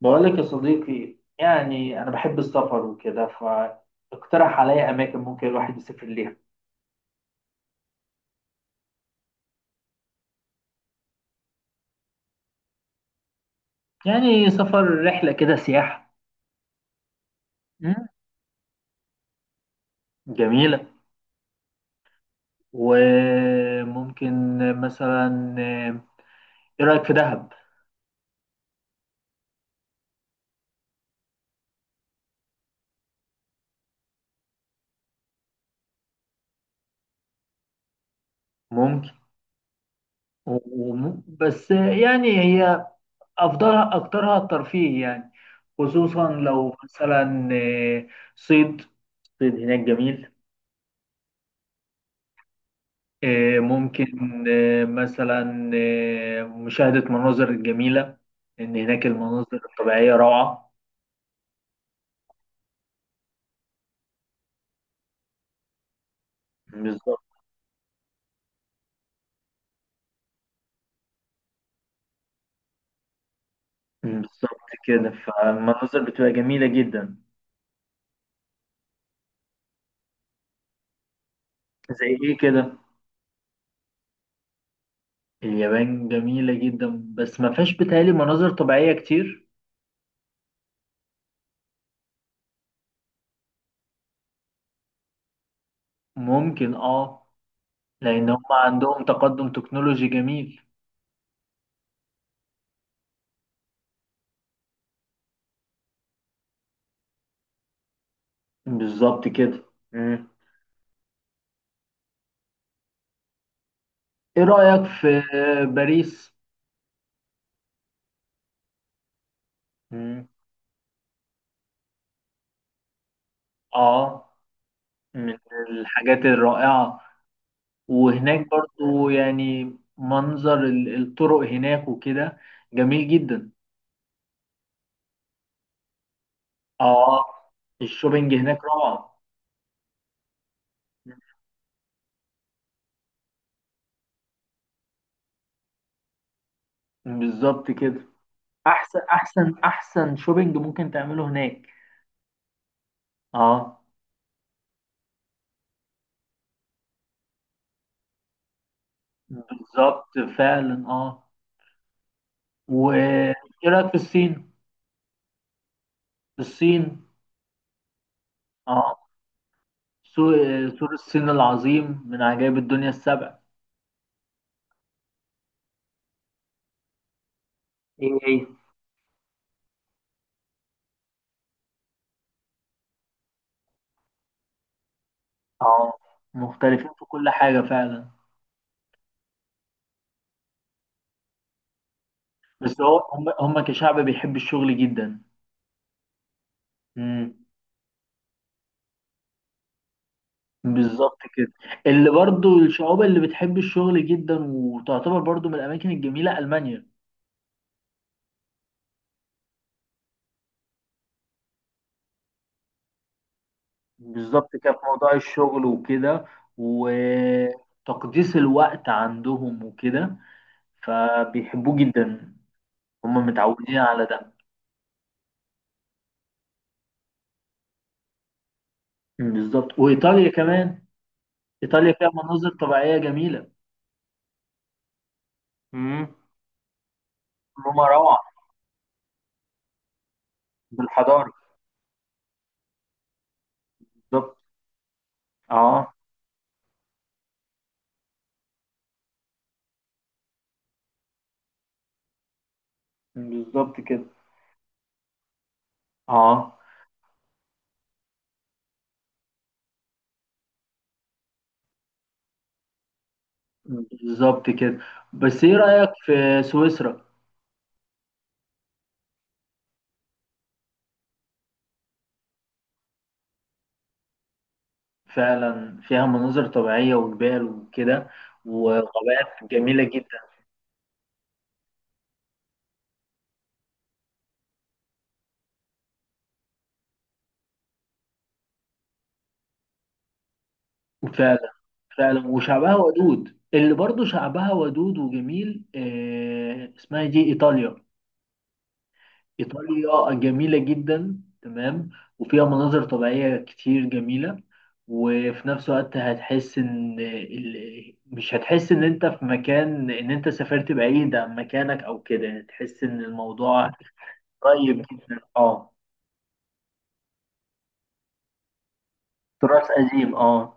بقول لك يا صديقي، يعني أنا بحب السفر وكده، فاقترح عليا أماكن ممكن الواحد يسافر ليها. يعني سفر رحلة كده سياحة. مم. جميلة. وممكن مثلا، إيه رأيك في دهب؟ ممكن. بس يعني هي أفضلها أكترها الترفيه، يعني خصوصا لو مثلا صيد صيد هناك جميل. إيه، ممكن. إيه، مثلا، إيه، مشاهدة مناظر جميلة، إن هناك المناظر الطبيعية روعة. بالظبط. بالظبط كده، فالمناظر بتبقى جميلة جدا. زي إيه كده؟ اليابان جميلة جدا، بس ما فيهاش بتهيألي مناظر طبيعية كتير. ممكن، آه. لأن هم عندهم تقدم تكنولوجي جميل. بالظبط كده. مم. إيه رأيك في باريس؟ مم. آه، من الحاجات الرائعة. وهناك برضو، يعني، منظر الطرق هناك وكده جميل جدا. اه، الشوبينج هناك روعة. بالظبط كده. احسن احسن احسن شوبينج ممكن تعمله هناك. اه. بالظبط فعلا، اه. وايه رايك في الصين؟ الصين. اه، سور الصين العظيم من عجائب الدنيا السبع. ايه ايه. اه، مختلفين في كل حاجة فعلا. بس هو هم كشعب بيحب الشغل جدا. مم. بالظبط كده. اللي برضو الشعوب اللي بتحب الشغل جدا، وتعتبر برضو من الأماكن الجميلة ألمانيا. بالظبط كده، في موضوع الشغل وكده وتقديس الوقت عندهم وكده، فبيحبوه جدا. هم متعودين على ده. بالظبط وإيطاليا كمان. إيطاليا فيها مناظر طبيعية جميلة. مم. روما روعة. بالحضارة. بالظبط. اه. بالظبط كده. اه. بالظبط كده. بس ايه رأيك في سويسرا؟ فعلا فيها مناظر طبيعية وجبال وكده، وغابات جميلة جدا. فعلا. فعلا، وشعبها ودود. اللي برضو شعبها ودود وجميل. آه، اسمها إيه دي؟ إيطاليا. إيطاليا جميلة جدا، تمام. وفيها مناظر طبيعية كتير جميلة. وفي نفس الوقت هتحس إن مش هتحس إن أنت في مكان، إن أنت سافرت بعيد عن مكانك أو كده. تحس إن الموضوع قريب جدا، أه. تراث قديم، أه.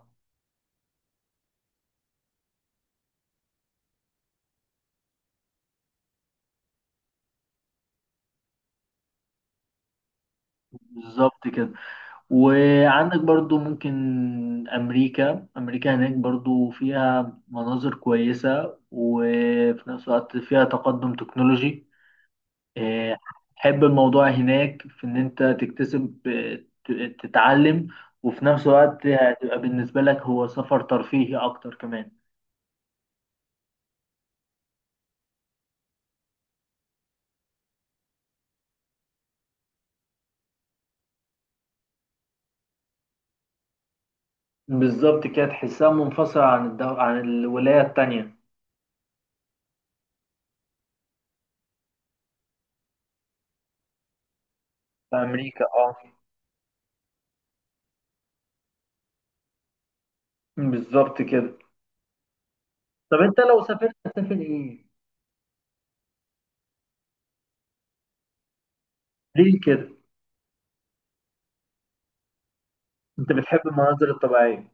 بالظبط كده. وعندك برضو ممكن أمريكا. أمريكا هناك برضو فيها مناظر كويسة، وفي نفس الوقت فيها تقدم تكنولوجي. آه، حب الموضوع هناك في إن أنت تكتسب، تتعلم. وفي نفس الوقت هتبقى بالنسبة لك هو سفر ترفيهي أكتر كمان. بالظبط كده، تحسها منفصلة عن عن الولاية التانية. في أمريكا، اه. بالظبط كده. طب أنت لو سافرت هتسافر إيه؟ ليه كده؟ انت بتحب المناظر الطبيعيه؟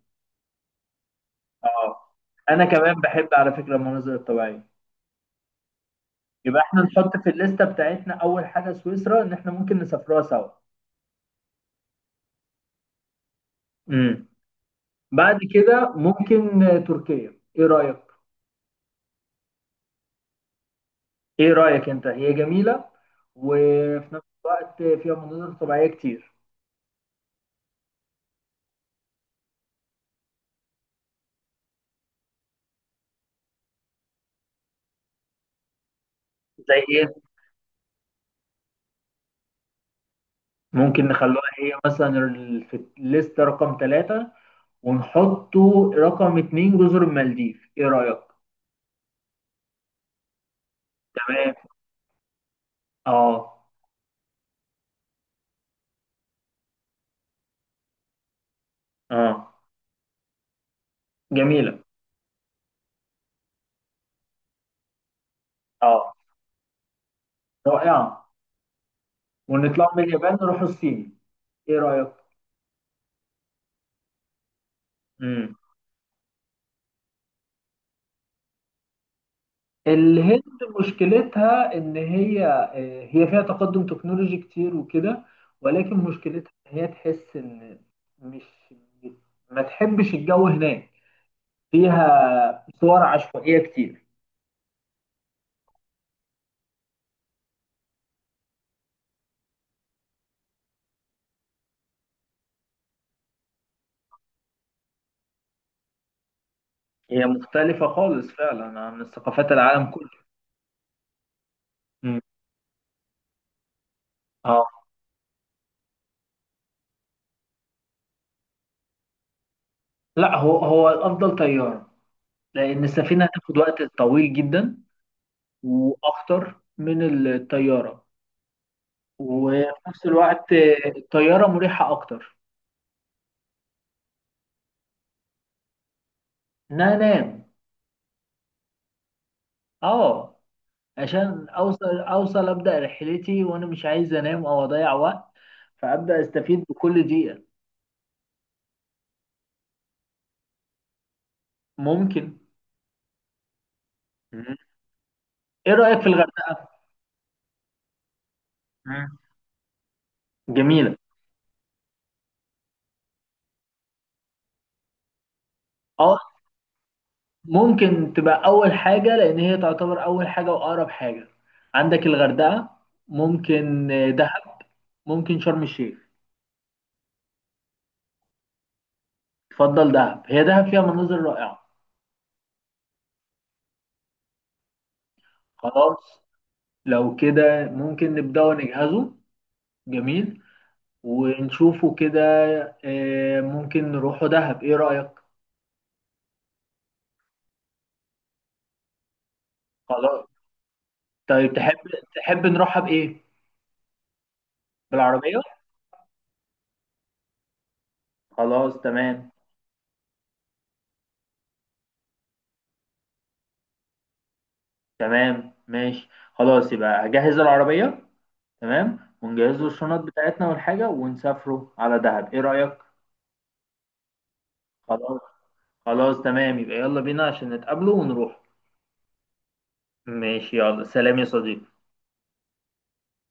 اه. انا كمان بحب على فكره المناظر الطبيعيه. يبقى احنا نحط في الليسته بتاعتنا اول حاجه سويسرا، ان احنا ممكن نسافرها سوا. امم. بعد كده ممكن، تركيا، ايه رايك؟ ايه رايك انت؟ هي جميله، وفي نفس الوقت فيها مناظر طبيعيه كتير. زي ايه؟ ممكن نخلوها هي مثلا في الليسته رقم 3. ونحطه رقم 2 جزر المالديف، ايه رأيك؟ تمام. اه. اه، جميلة. اه، رائعة. ونطلع من اليابان نروح الصين. ايه رأيك؟ امم. الهند مشكلتها ان هي، هي فيها تقدم تكنولوجي كتير وكده، ولكن مشكلتها ان هي تحس ان مش، ما تحبش الجو هناك. فيها صور عشوائية كتير. هي مختلفة خالص فعلا عن ثقافات العالم كله. امم، اه. لا، هو الافضل طيارة، لان السفينة هتاخد وقت طويل جدا واخطر من الطيارة. وفي نفس الوقت الطيارة مريحة أكتر. إن أنا أنام، أه. عشان أوصل أبدأ رحلتي وأنا مش عايز أنام أو أضيع وقت، فأبدأ أستفيد بكل دقيقة. ممكن. مم. إيه رأيك في الغردقة؟ مم. جميلة. أه، ممكن تبقى أول حاجة، لأن هي تعتبر أول حاجة وأقرب حاجة. عندك الغردقة، ممكن دهب، ممكن شرم الشيخ. تفضل دهب؟ هي دهب فيها مناظر رائعة. خلاص، لو كده ممكن نبدأ نجهزه. جميل، ونشوفه كده. آه، ممكن نروحوا دهب، ايه رأيك؟ خلاص. طيب تحب، تحب نروحها بإيه؟ بالعربية. خلاص تمام. تمام ماشي. خلاص يبقى أجهز العربية. تمام، ونجهز له الشنط بتاعتنا والحاجة، ونسافروا على دهب، ايه رأيك؟ خلاص. خلاص تمام، يبقى يلا بينا عشان نتقابلوا ونروح. ماشي. يلا سلام يا صديقي.